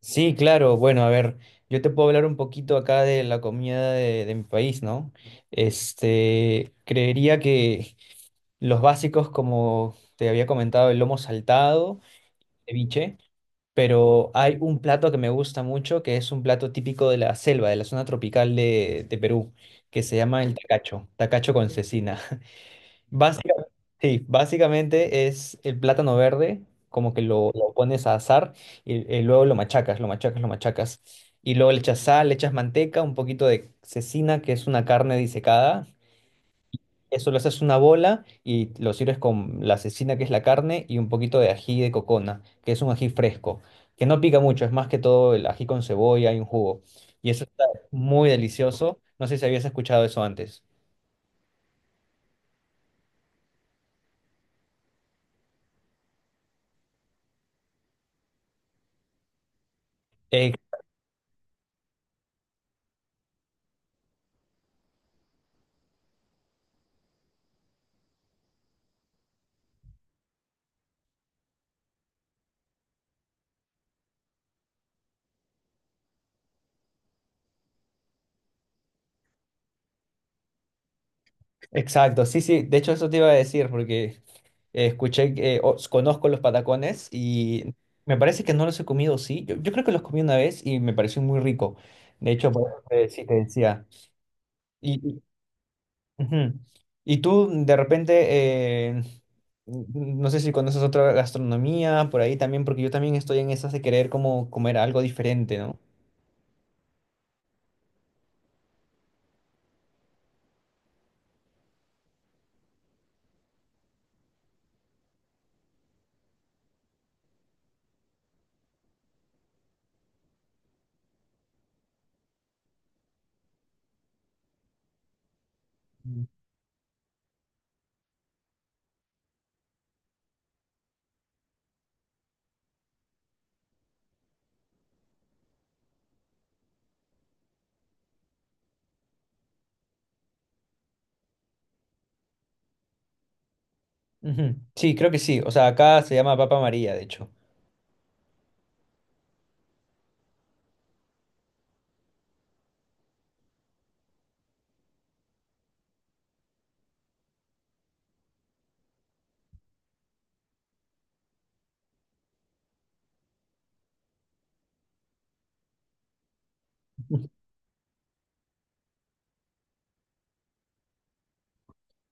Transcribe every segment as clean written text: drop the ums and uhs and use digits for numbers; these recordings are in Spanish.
Sí, claro. Bueno, a ver, yo te puedo hablar un poquito acá de la comida de mi país, ¿no? Creería que los básicos, como te había comentado, el lomo saltado, ceviche, pero hay un plato que me gusta mucho, que es un plato típico de la selva, de la zona tropical de Perú, que se llama el tacacho con cecina. Básicamente, sí, básicamente es el plátano verde, como que lo pones a asar y luego lo machacas, lo machacas, lo machacas. Y luego le echas sal, le echas manteca, un poquito de cecina, que es una carne disecada. Eso lo haces una bola y lo sirves con la cecina, que es la carne, y un poquito de ají de cocona, que es un ají fresco, que no pica mucho, es más que todo el ají con cebolla y un jugo. Y eso está muy delicioso. No sé si habías escuchado eso antes. Exacto, sí, sí, de hecho eso te iba a decir porque escuché, conozco los patacones y me parece que no los he comido, sí, yo creo que los comí una vez y me pareció muy rico, de hecho, sí te decía. Y, y, ujú. Y tú de repente, no sé si conoces otra gastronomía por ahí también, porque yo también estoy en esas de querer como comer algo diferente, ¿no? Ujú. Sí, creo que sí, o sea, acá se llama Papa María, de hecho.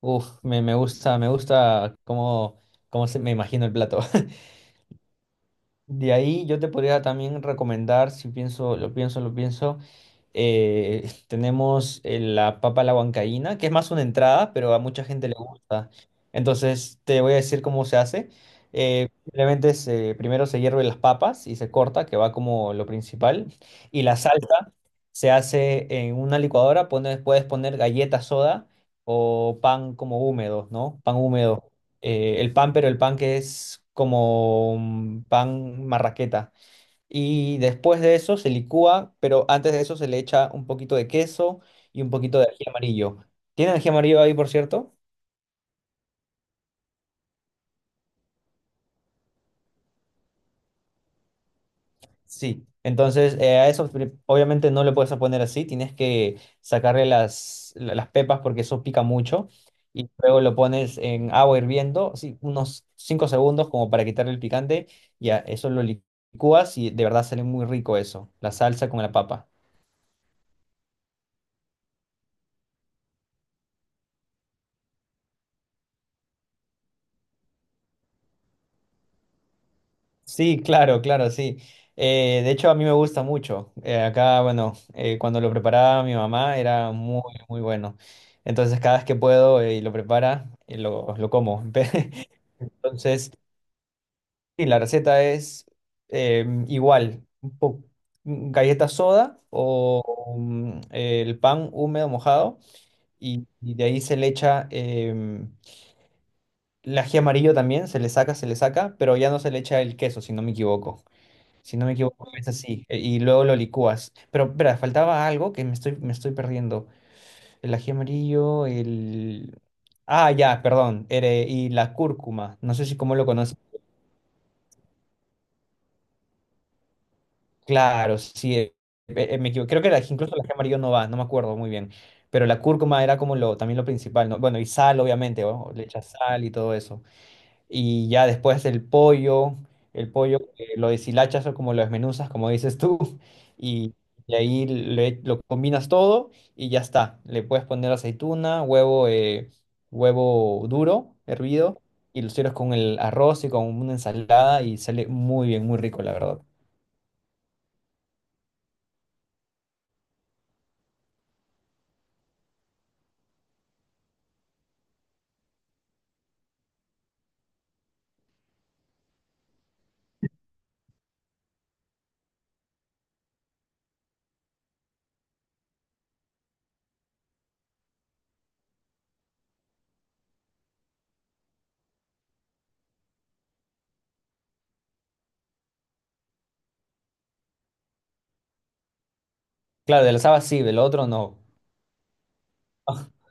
Uf, me gusta, me gusta me imagino el plato. De ahí yo te podría también recomendar, si pienso, tenemos la papa a la huancaína, que es más una entrada, pero a mucha gente le gusta. Entonces te voy a decir cómo se hace. Primero se hierven las papas y se corta, que va como lo principal. Y la salsa se hace en una licuadora, puedes poner galletas soda o pan como húmedo, ¿no? Pan húmedo pero el pan que es como un pan marraqueta. Y después de eso se licúa, pero antes de eso se le echa un poquito de queso y un poquito de ají amarillo. ¿Tiene ají amarillo ahí, por cierto? Sí, entonces obviamente no le puedes poner así, tienes que sacarle las pepas porque eso pica mucho y luego lo pones en agua hirviendo, sí, unos 5 segundos como para quitarle el picante y a eso lo licúas y de verdad sale muy rico eso, la salsa con la papa. Sí, claro, claro, sí. De hecho a mí me gusta mucho. Acá, bueno, cuando lo preparaba mi mamá era muy, muy bueno. Entonces cada vez que puedo y lo prepara, lo como. Entonces, sí, la receta es igual, galleta soda o el pan húmedo mojado y de ahí se le echa el ají amarillo también, se le saca, pero ya no se le echa el queso, si no me equivoco. Si no me equivoco, es así. Y luego lo licúas. Pero, espera, faltaba algo que me estoy perdiendo. El ají amarillo, el... Ah, ya, perdón. Y la cúrcuma. No sé si cómo lo conoces. Claro, sí, me equivoco. Creo que incluso la ají amarillo no va, no me acuerdo muy bien. Pero la cúrcuma era como lo, también lo principal, ¿no? Bueno, y sal, obviamente, ¿no? Le echas sal y todo eso. Y ya después el pollo lo deshilachas o como lo desmenuzas, como dices tú, y, y ahí lo combinas todo y ya está. Le puedes poner aceituna, huevo, huevo duro, hervido, y lo sirves con el arroz y con una ensalada y sale muy bien, muy rico, la verdad. Claro, del asado sí, del otro no.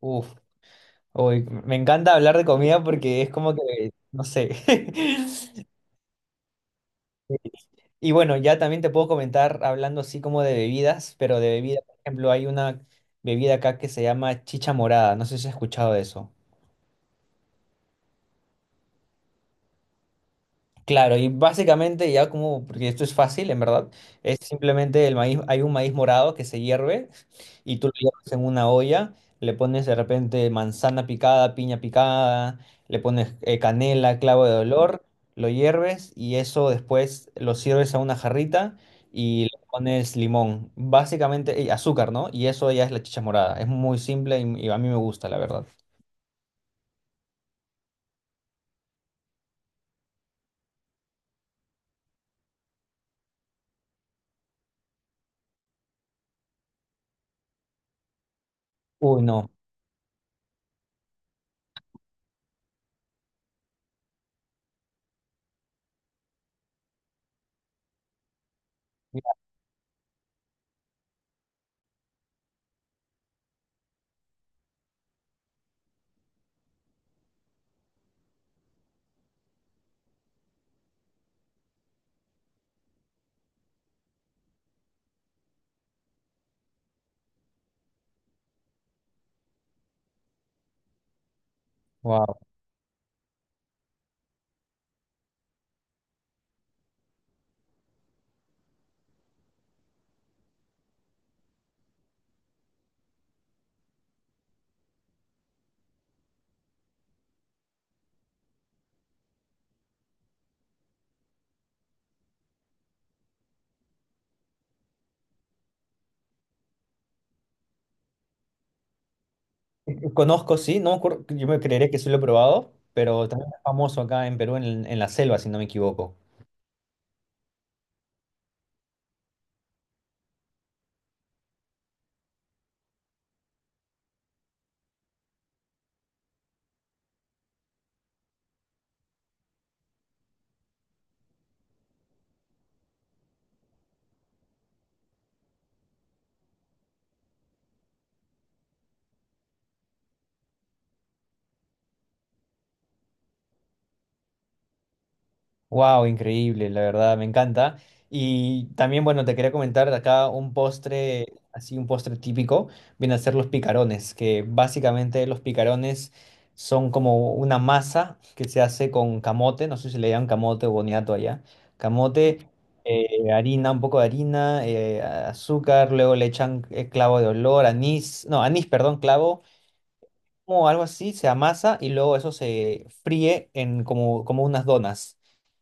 Uf, uy, me encanta hablar de comida porque es como que, no sé. Y bueno, ya también te puedo comentar hablando así como de bebidas, pero de bebida, por ejemplo, hay una bebida acá que se llama chicha morada, no sé si has escuchado de eso. Claro, y básicamente ya como, porque esto es fácil, en verdad, es simplemente el maíz, hay un maíz morado que se hierve y tú lo hierves en una olla, le pones de repente manzana picada, piña picada, le pones canela, clavo de olor, lo hierves y eso después lo sirves a una jarrita y le pones limón, básicamente y azúcar, ¿no? Y eso ya es la chicha morada, es muy simple y a mí me gusta, la verdad. Uy, no. Wow. Conozco, sí, no me acuerdo, yo me creería que sí lo he probado, pero también es famoso acá en Perú, en la selva, si no me equivoco. Wow, increíble, la verdad, me encanta. Y también, bueno, te quería comentar acá un postre, así un postre típico, viene a ser los picarones, que básicamente los picarones son como una masa que se hace con camote, no sé si le llaman camote o boniato allá, camote, harina, un poco de harina, azúcar, luego le echan clavo de olor, anís, no, anís, perdón, clavo, o algo así, se amasa y luego eso se fríe en como, como unas donas.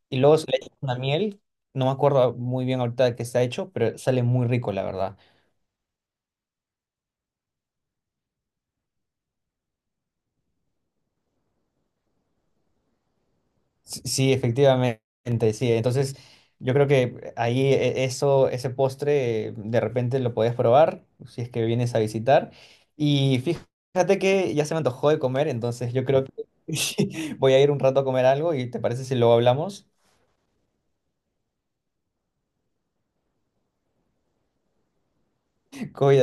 Y luego se le echa una miel, no me acuerdo muy bien ahorita de qué está hecho, pero sale muy rico, la verdad. Sí, sí, efectivamente, sí. Entonces, yo creo que ahí eso, ese postre, de repente lo podés probar si es que vienes a visitar. Y fíjate que ya se me antojó de comer, entonces yo creo que voy a ir un rato a comer algo y ¿te parece si luego hablamos? Cuídate.